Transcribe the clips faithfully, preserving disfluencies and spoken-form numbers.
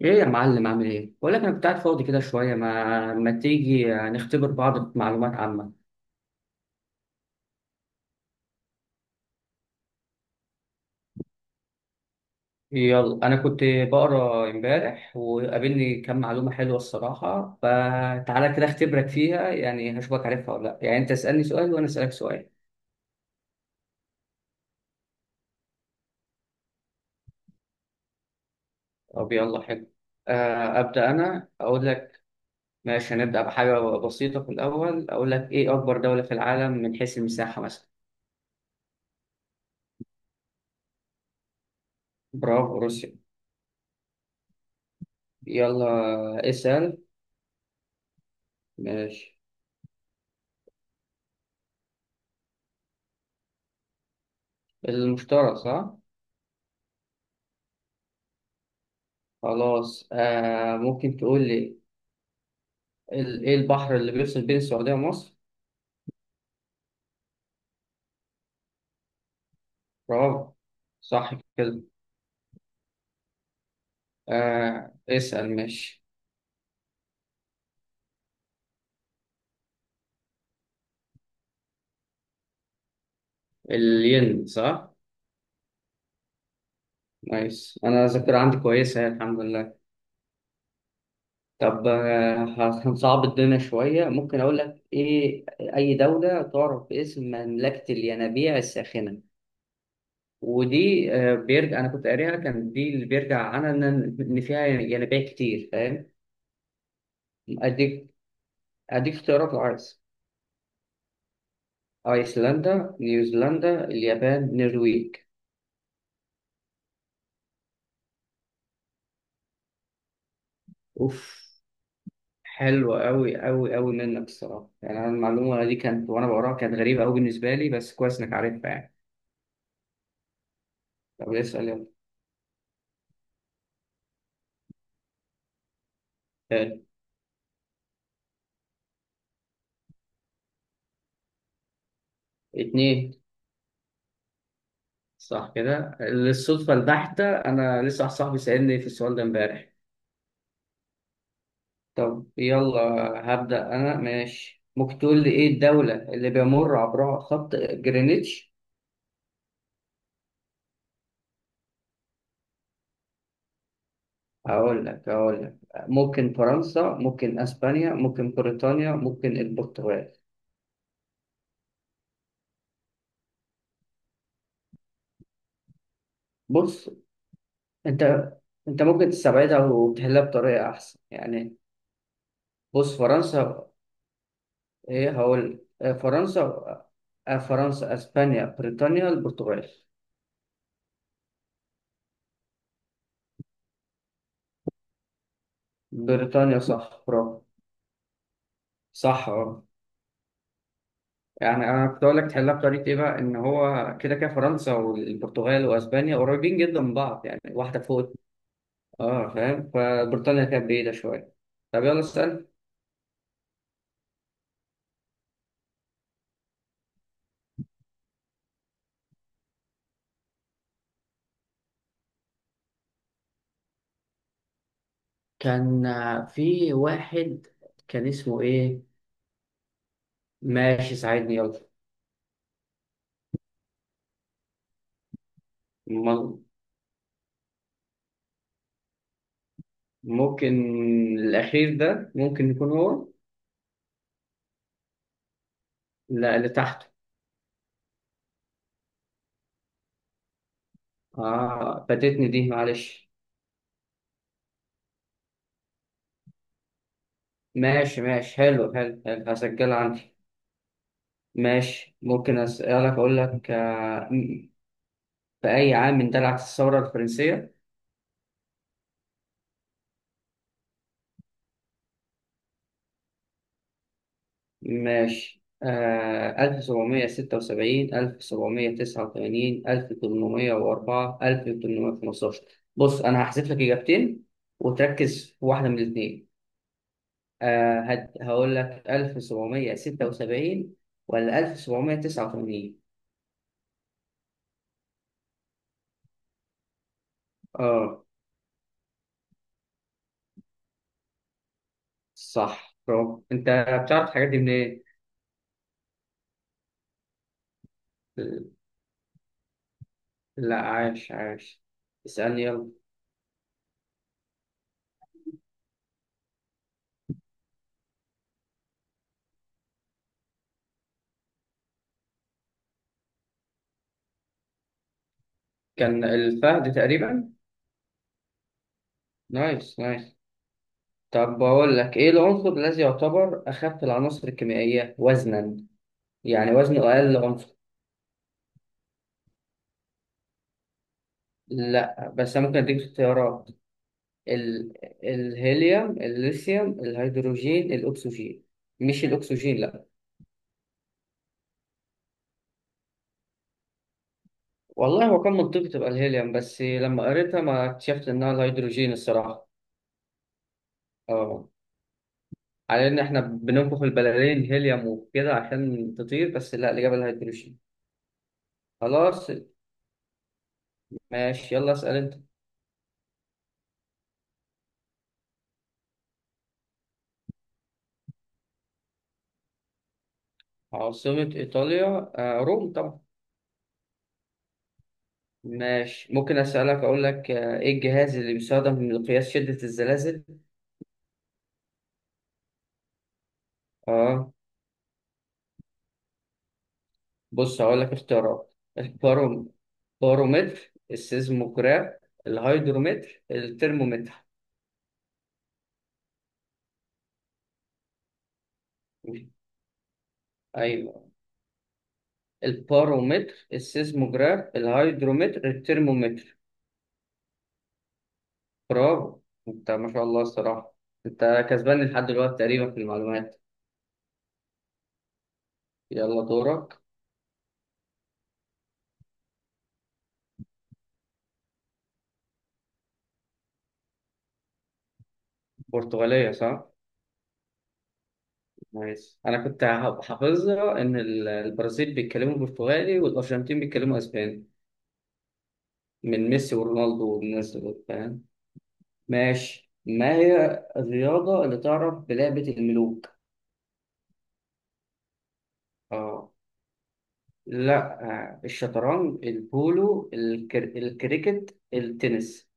ايه يا معلم عامل ايه؟ بقول لك انا كنت قاعد فاضي كده شويه. ما ما تيجي نختبر بعض معلومات عامه. يلا انا كنت بقرا امبارح وقابلني كام معلومه حلوه الصراحه، فتعالى كده اختبرك فيها يعني، هشوفك عارفها ولا لا. يعني انت اسالني سؤال وانا اسالك سؤال. طب يلا حلو. آه، ابدا انا اقول لك. ماشي، هنبدا بحاجه بسيطه في الاول. اقول لك ايه اكبر دوله في العالم من حيث المساحه مثلا؟ برافو روسيا. يلا اسال. ماشي. المشترى صح. خلاص. آه ممكن تقول لي، ال- ايه البحر اللي بيفصل بين السعودية ومصر؟ برافو، صح كده. آه اسأل ماشي. الين صح؟ نايس، انا الذاكرة عندي كويسة يعني، الحمد لله. طب آه، هنصعب الدنيا شوية. ممكن اقول لك ايه اي دولة تعرف باسم مملكة الينابيع الساخنة؟ ودي آه، بيرجع انا كنت قاريها كان دي اللي بيرجع عنها ان، إن فيها ينابيع كتير، فاهم؟ اديك، اديك اختيارات لو عايز: ايسلندا، نيوزيلندا، اليابان، النرويج. اوف، حلو قوي قوي قوي منك الصراحه يعني. انا المعلومه دي كانت وانا بقراها كانت غريبه قوي بالنسبه لي، بس كويس انك عارفها يعني. طب اسال يلا. حلو. اتنين صح كده، للصدفه البحته انا لسه واحد صاحبي سالني في السؤال ده امبارح. طب يلا هبدا انا. ماشي ممكن تقول لي ايه الدوله اللي بيمر عبرها خط جرينتش؟ هقول لك، هقول لك: ممكن فرنسا، ممكن اسبانيا، ممكن بريطانيا، ممكن البرتغال. بص، انت انت ممكن تستبعدها وتحلها بطريقه احسن يعني. بص فرنسا، ايه هقول آه، فرنسا، آه، فرنسا، اسبانيا، بريطانيا، البرتغال. بريطانيا صح، برافو. صح اه. يعني انا كنت اقول لك تحلها بطريقه ايه بقى، ان هو كده كده فرنسا والبرتغال واسبانيا قريبين جدا من بعض يعني، واحده فوق. اه فاهم، فبريطانيا كانت بعيدة شوية. طب يلا اسأل. كان آه، في واحد، كان اسمه ايه؟ ماشي ساعدني يلا. م- ممكن الأخير ده ممكن يكون هو. لا اللي تحته. اه فاتتني دي معلش. ماشي ماشي، حلو حلو حلو، هسجلها عندي. ماشي، ممكن أسألك أقول لك آه م- في أي عام اندلعت الثورة الفرنسية؟ ماشي. آه، ألف سبعمية ستة وسبعين، ألف سبعمية تسعة وتمانين، ألف وتمنمية واربعة، ألف وتمنمية وخمستاشر. بص أنا هحذف لك إجابتين وتركز في واحدة من الاتنين. آه، هد- هقول لك ألف وسبعمية وستة وسبعين ولا ألف وسبعمية وتسعة وتمانين؟ آه صح برافو أنت. بتعرف الحاجات دي منين؟ لا عاش عاش. اسألني يلا. كان الفهد تقريبا. نايس نايس. طب بقول لك ايه العنصر الذي يعتبر اخف العناصر الكيميائيه وزنا، يعني وزنه اقل عنصر؟ لا بس أنا ممكن اديك اختيارات: ال... الهيليوم، الليثيوم، الهيدروجين، الاكسجين. مش الاكسجين لا. والله هو كان منطقي تبقى الهيليوم، بس لما قريتها ما اكتشفت انها الهيدروجين الصراحه. اه، على ان احنا بننفخ البلالين هيليوم وكده عشان تطير، بس لا الاجابه الهيدروجين. خلاص ماشي، يلا اسال انت. عاصمه ايطاليا آه روم طبعا. ماشي، ممكن أسألك أقول لك، آه، إيه الجهاز اللي بيستخدم لقياس شدة الزلازل؟ آه بص هقول لك اختيارات: الباروم، بارومتر، السيزموجراف، الهيدرومتر، الترمومتر. أيوه. البارومتر، السيزموجراف، الهيدرومتر، الترمومتر. برافو. أنت ما شاء الله الصراحة، أنت كسبان لحد دلوقتي تقريبا في المعلومات. يلا دورك. برتغالية صح؟ ماشي انا كنت ح- حافظها ان ال- البرازيل بيتكلموا برتغالي والارجنتين بيتكلموا اسباني، من ميسي ورونالدو والناس دول فاهم. ماشي، ما هي الرياضة اللي تعرف بلعبة الملوك؟ اه. لا. آه، الشطرنج، البولو، الكر... الكريكت، التنس.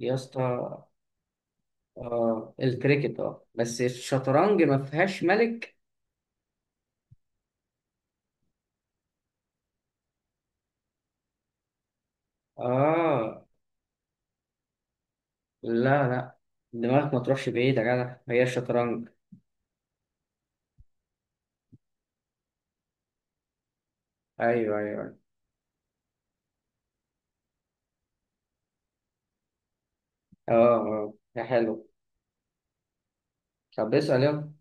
يا اسطى. اه الكريكت، اه، بس الشطرنج ما فيهاش ملك. اه. لا لا، دماغك ما تروحش بعيد يا جدع، هي الشطرنج. ايوه ايوه. اه اه، ده حلو. طب اسأل يلا.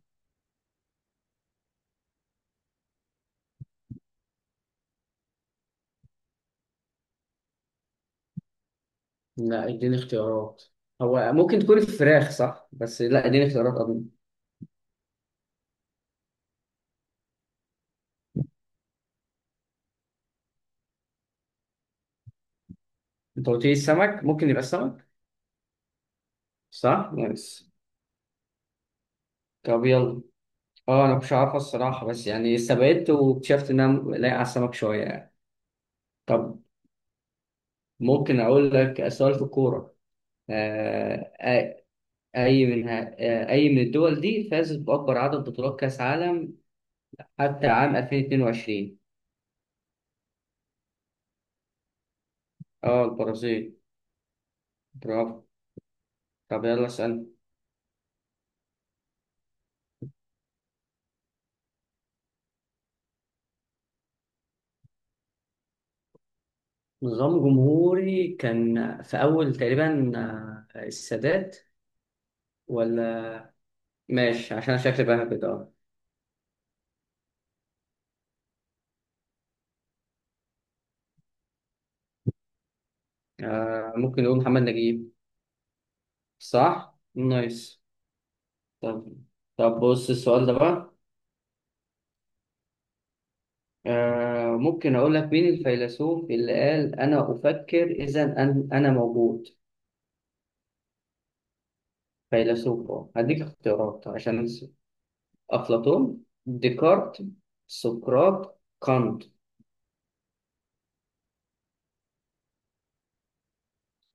لا اديني اختيارات. هو ممكن تكون الفراخ صح، بس لا اديني اختيارات قبل. انت قلت لي السمك، ممكن يبقى السمك. صح، نايس. طب يلا. اه انا مش عارفه الصراحه، بس يعني استبعدت واكتشفت ان انا لايق على السمك شويه يعني. طب ممكن اقول لك سؤال في الكوره؟ آه آه، اي من ها- آه، اي من الدول دي فازت باكبر عدد بطولات كاس عالم حتى عام ألفين واتنين وعشرين؟ اه البرازيل. برافو. طب يلا اسال. نظام جمهوري كان في أول تقريبا. آه، السادات ولا. ماشي عشان أنا شكلي بقى كده. آه، ممكن نقول محمد نجيب. صح؟ نايس. طب. طب بص السؤال ده بقى، آه، ممكن أقول لك مين الفيلسوف اللي قال أنا أفكر إذا أن- أنا موجود؟ فيلسوف أهو. هديك اختيارات عشان أنسى. أفلاطون، ديكارت، سقراط كانت.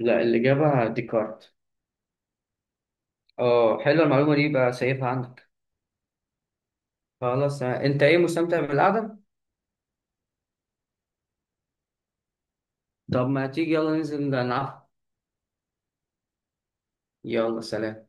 لا الإجابة ديكارت. اه، حلوة المعلومة دي بقى سايبها عندك. خلاص، انت ايه مستمتع بالقعدة؟ طب ما تيجي يلا ننزل نلعب. يلا سلام.